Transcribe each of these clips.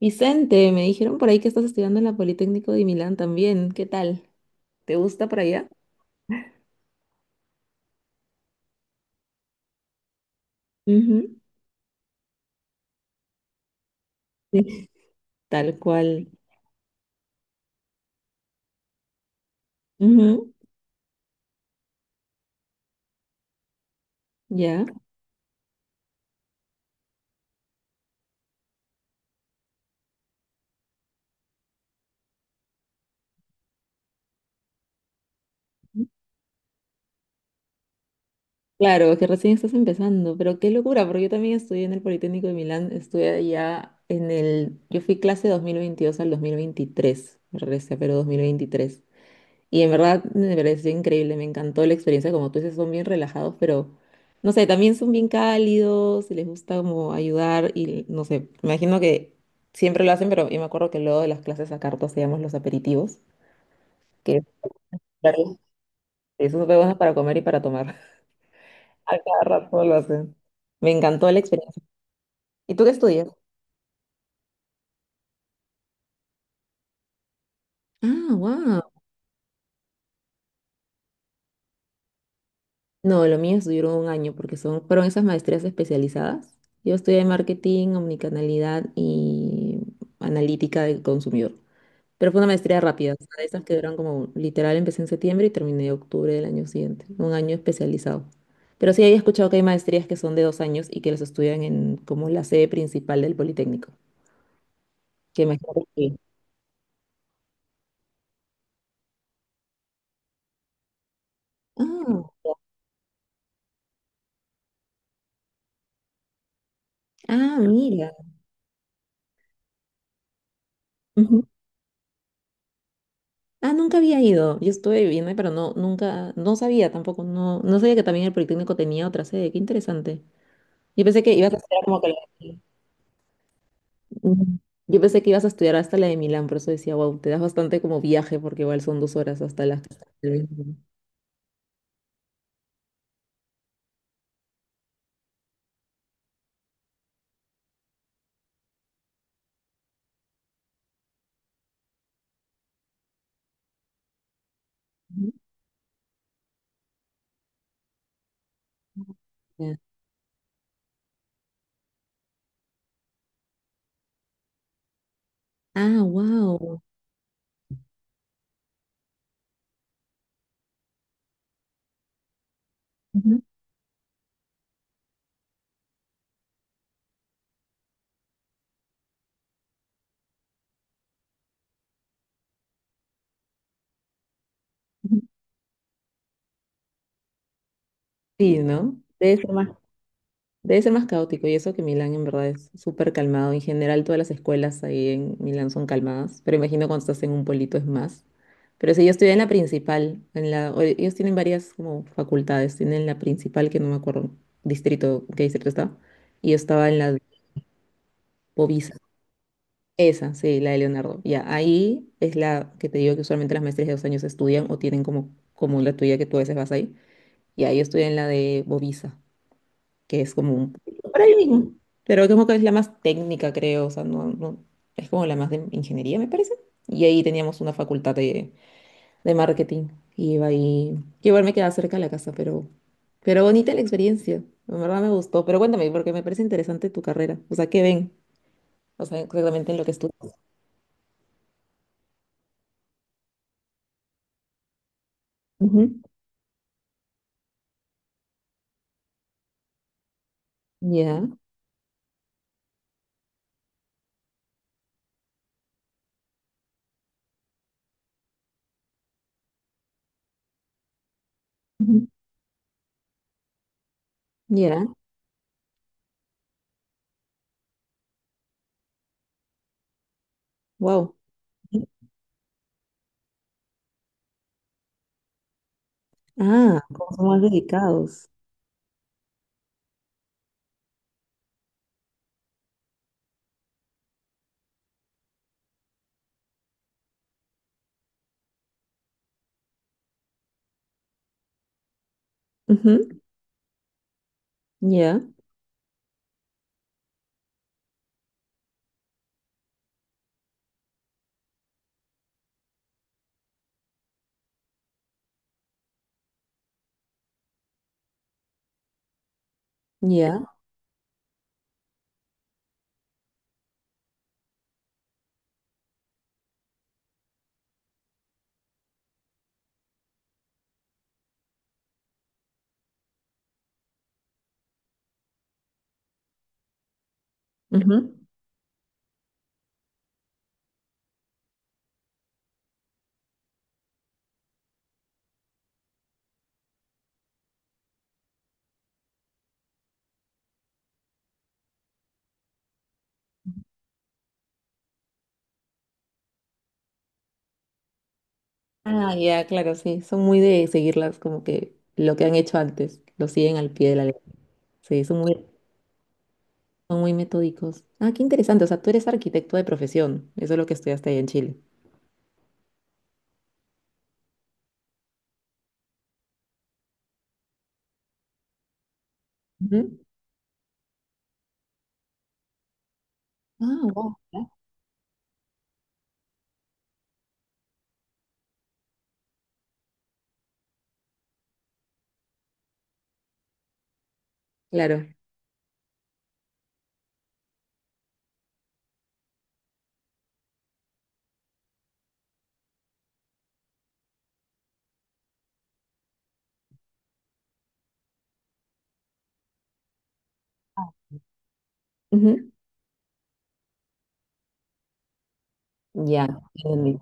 Vicente, me dijeron por ahí que estás estudiando en la Politécnico de Milán también. ¿Qué tal? ¿Te gusta por allá? Ujú. Sí, tal cual. Ujú, ya. Claro, que recién estás empezando, pero qué locura, porque yo también estudié en el Politécnico de Milán, estudié allá en el... Yo fui clase 2022 al 2023, me regresé, pero 2023. Y en verdad me pareció increíble, me encantó la experiencia, como tú dices, son bien relajados, pero no sé, también son bien cálidos, les gusta como ayudar y no sé, me imagino que siempre lo hacen, pero yo me acuerdo que luego de las clases a cartas hacíamos los aperitivos, que Claro. Esos son buenos para comer y para tomar. A cada rato lo hacen. Me encantó la experiencia. ¿Y tú qué estudias? Ah, wow. No, lo mío duró un año porque fueron esas maestrías especializadas. Yo estudié marketing, omnicanalidad y analítica del consumidor. Pero fue una maestría rápida, o sea, de esas que duran como literal, empecé en septiembre y terminé octubre del año siguiente, un año especializado. Pero sí había escuchado que hay maestrías que son de 2 años y que los estudian en como la sede principal del Politécnico. Que imagino que. Ah, ah, mira. Ah, nunca había ido. Yo estuve viviendo, ahí, pero no, nunca, no sabía tampoco, no, no sabía que también el Politécnico tenía otra sede. Qué interesante. Yo pensé que ibas a estudiar como que de- Ujú. Yo pensé que ibas a estudiar hasta la de Milán, por eso decía, wow, te das bastante como viaje, porque igual son 2 horas hasta las que estás del mismo. Ujú. Ya. Ah, wow. Sí, ¿no? Debe ser más caótico y eso que Milán en verdad es súper calmado. En general todas las escuelas ahí en Milán son calmadas, pero imagino cuando estás en un pueblito es más. Pero si yo estudié en la principal, ellos tienen varias como facultades, tienen la principal que no me acuerdo qué distrito estaba, y yo estaba en la de Bovisa, esa, sí, la de Leonardo. Ya, ahí es la que te digo que usualmente las maestrías de 2 años estudian o tienen como la tuya que tú a veces vas ahí. Y ahí estudié en la de Bovisa que es como un. Por ahí mismo. Pero como que es la más técnica, creo. O sea, no, es como la más de ingeniería, me parece. Y ahí teníamos una facultad de marketing. Y iba ahí. Que igual me quedaba cerca de la casa. Pero bonita la experiencia. En verdad me gustó. Pero cuéntame, porque me parece interesante tu carrera. O sea, ¿qué ven? O sea, exactamente en lo que estudias. Ujú. Ya. Ujú. Ya. Wow. Ah, como son más dedicados. Ujú. Ya. Ya. Ujú. Ah, ya, claro, sí. Son muy de seguirlas como que lo que han hecho antes, lo siguen al pie de la letra. Sí, son muy metódicos. Ah, qué interesante. O sea, tú eres arquitecto de profesión. Eso es lo que estudiaste ahí en Chile. Ujú. Ah, wow. Claro. Ujú. Ya, entendí.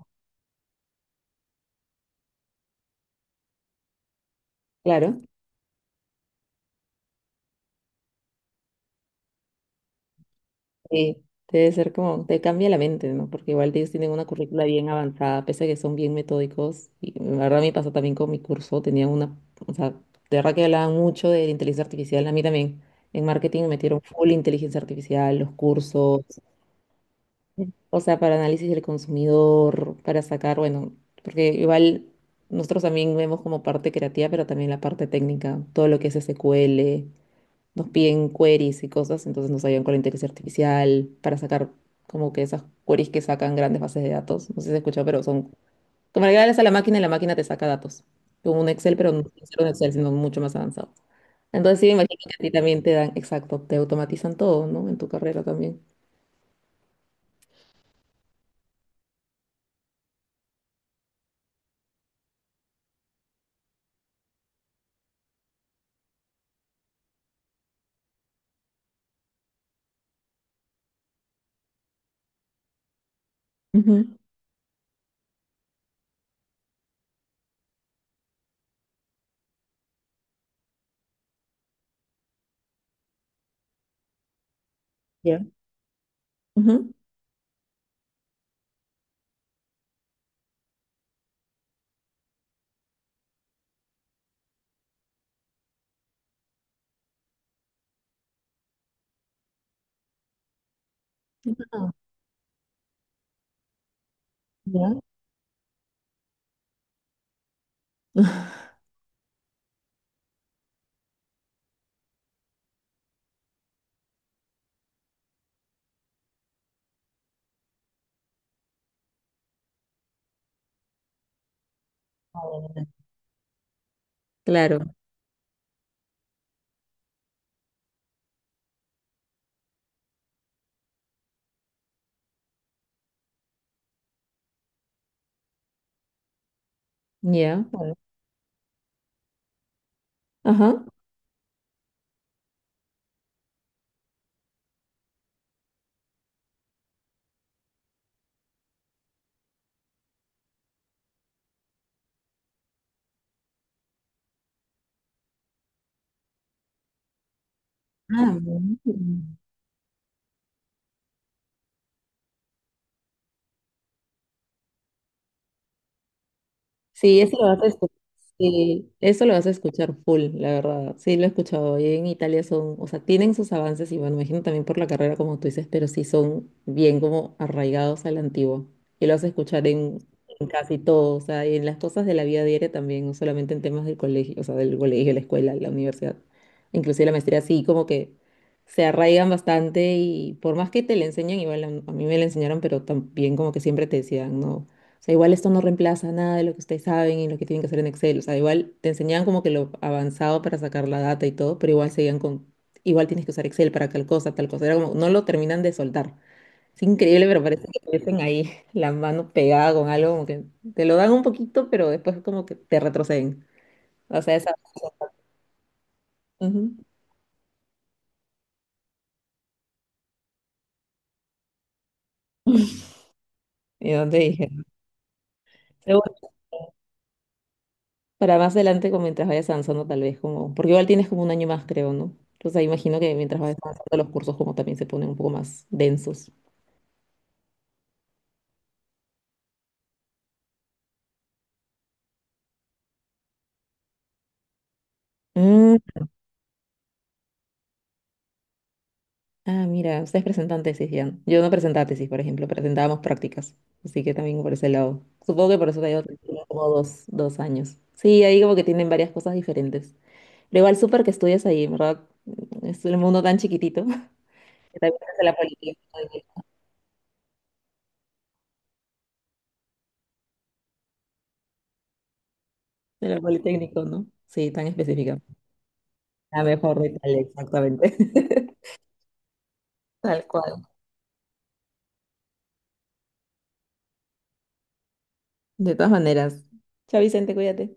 Claro. Sí, debe ser como, te cambia la mente, ¿no? Porque igual ellos tienen una currícula bien avanzada, pese a que son bien metódicos. Y la verdad me pasó también con mi curso, o sea, de verdad que hablaban mucho de la inteligencia artificial. A mí también en marketing me metieron full inteligencia artificial, los cursos, o sea, para análisis del consumidor, para sacar, bueno, porque igual nosotros también vemos como parte creativa, pero también la parte técnica, todo lo que es SQL nos piden queries y cosas, entonces nos ayudan con la inteligencia artificial para sacar como que esas queries que sacan grandes bases de datos. No sé si se escuchado, pero son como le das a la máquina y la máquina te saca datos. Como un Excel, pero no es un Excel, sino mucho más avanzado. Entonces sí, me imagino que a ti también te dan, exacto, te automatizan todo, ¿no? En tu carrera también. Ujú, ya. Ujú. Ah, ya. Claro, ya. Bueno. Ajá. Ah, bueno. Sí, eso lo vas a escuchar. Sí, eso lo vas a escuchar full, la verdad. Sí, lo he escuchado. Y en Italia o sea, tienen sus avances y bueno, imagino también por la carrera como tú dices, pero sí son bien como arraigados a la antigua. Y lo vas a escuchar en casi todo, o sea, y en las cosas de la vida diaria también, no solamente en temas del colegio, o sea, del colegio, la escuela, la universidad, inclusive la maestría, sí, como que se arraigan bastante y por más que te le enseñan, igual a mí me la enseñaron, pero también como que siempre te decían, no. O sea, igual esto no reemplaza nada de lo que ustedes saben y lo que tienen que hacer en Excel. O sea, igual te enseñaban como que lo avanzado para sacar la data y todo, pero igual seguían con, igual tienes que usar Excel para tal cosa, tal cosa. Era como, no lo terminan de soltar. Es increíble, pero parece que meten ahí la mano pegada con algo, como que te lo dan un poquito, pero después como que te retroceden. O sea. Ujú. Y dónde dije. Pero bueno, para más adelante, como mientras vayas avanzando, tal vez como, porque igual tienes como un año más, creo, ¿no? Entonces ahí imagino que mientras vayas avanzando los cursos como también se ponen un poco más densos. Mm, ah, mira, ustedes presentan tesis ya. Yo no presentaba tesis, por ejemplo, presentábamos prácticas. Así que también por ese lado. Supongo que por eso te digo que tienen como dos años. Sí, ahí como que tienen varias cosas diferentes. Pero igual súper que estudias ahí, en ¿verdad? Es el mundo tan chiquitito que también es de la politécnico, ¿no? Sí, tan específica. La mejor de tal, exactamente. Tal cual. De todas maneras. Chao, Vicente, cuídate.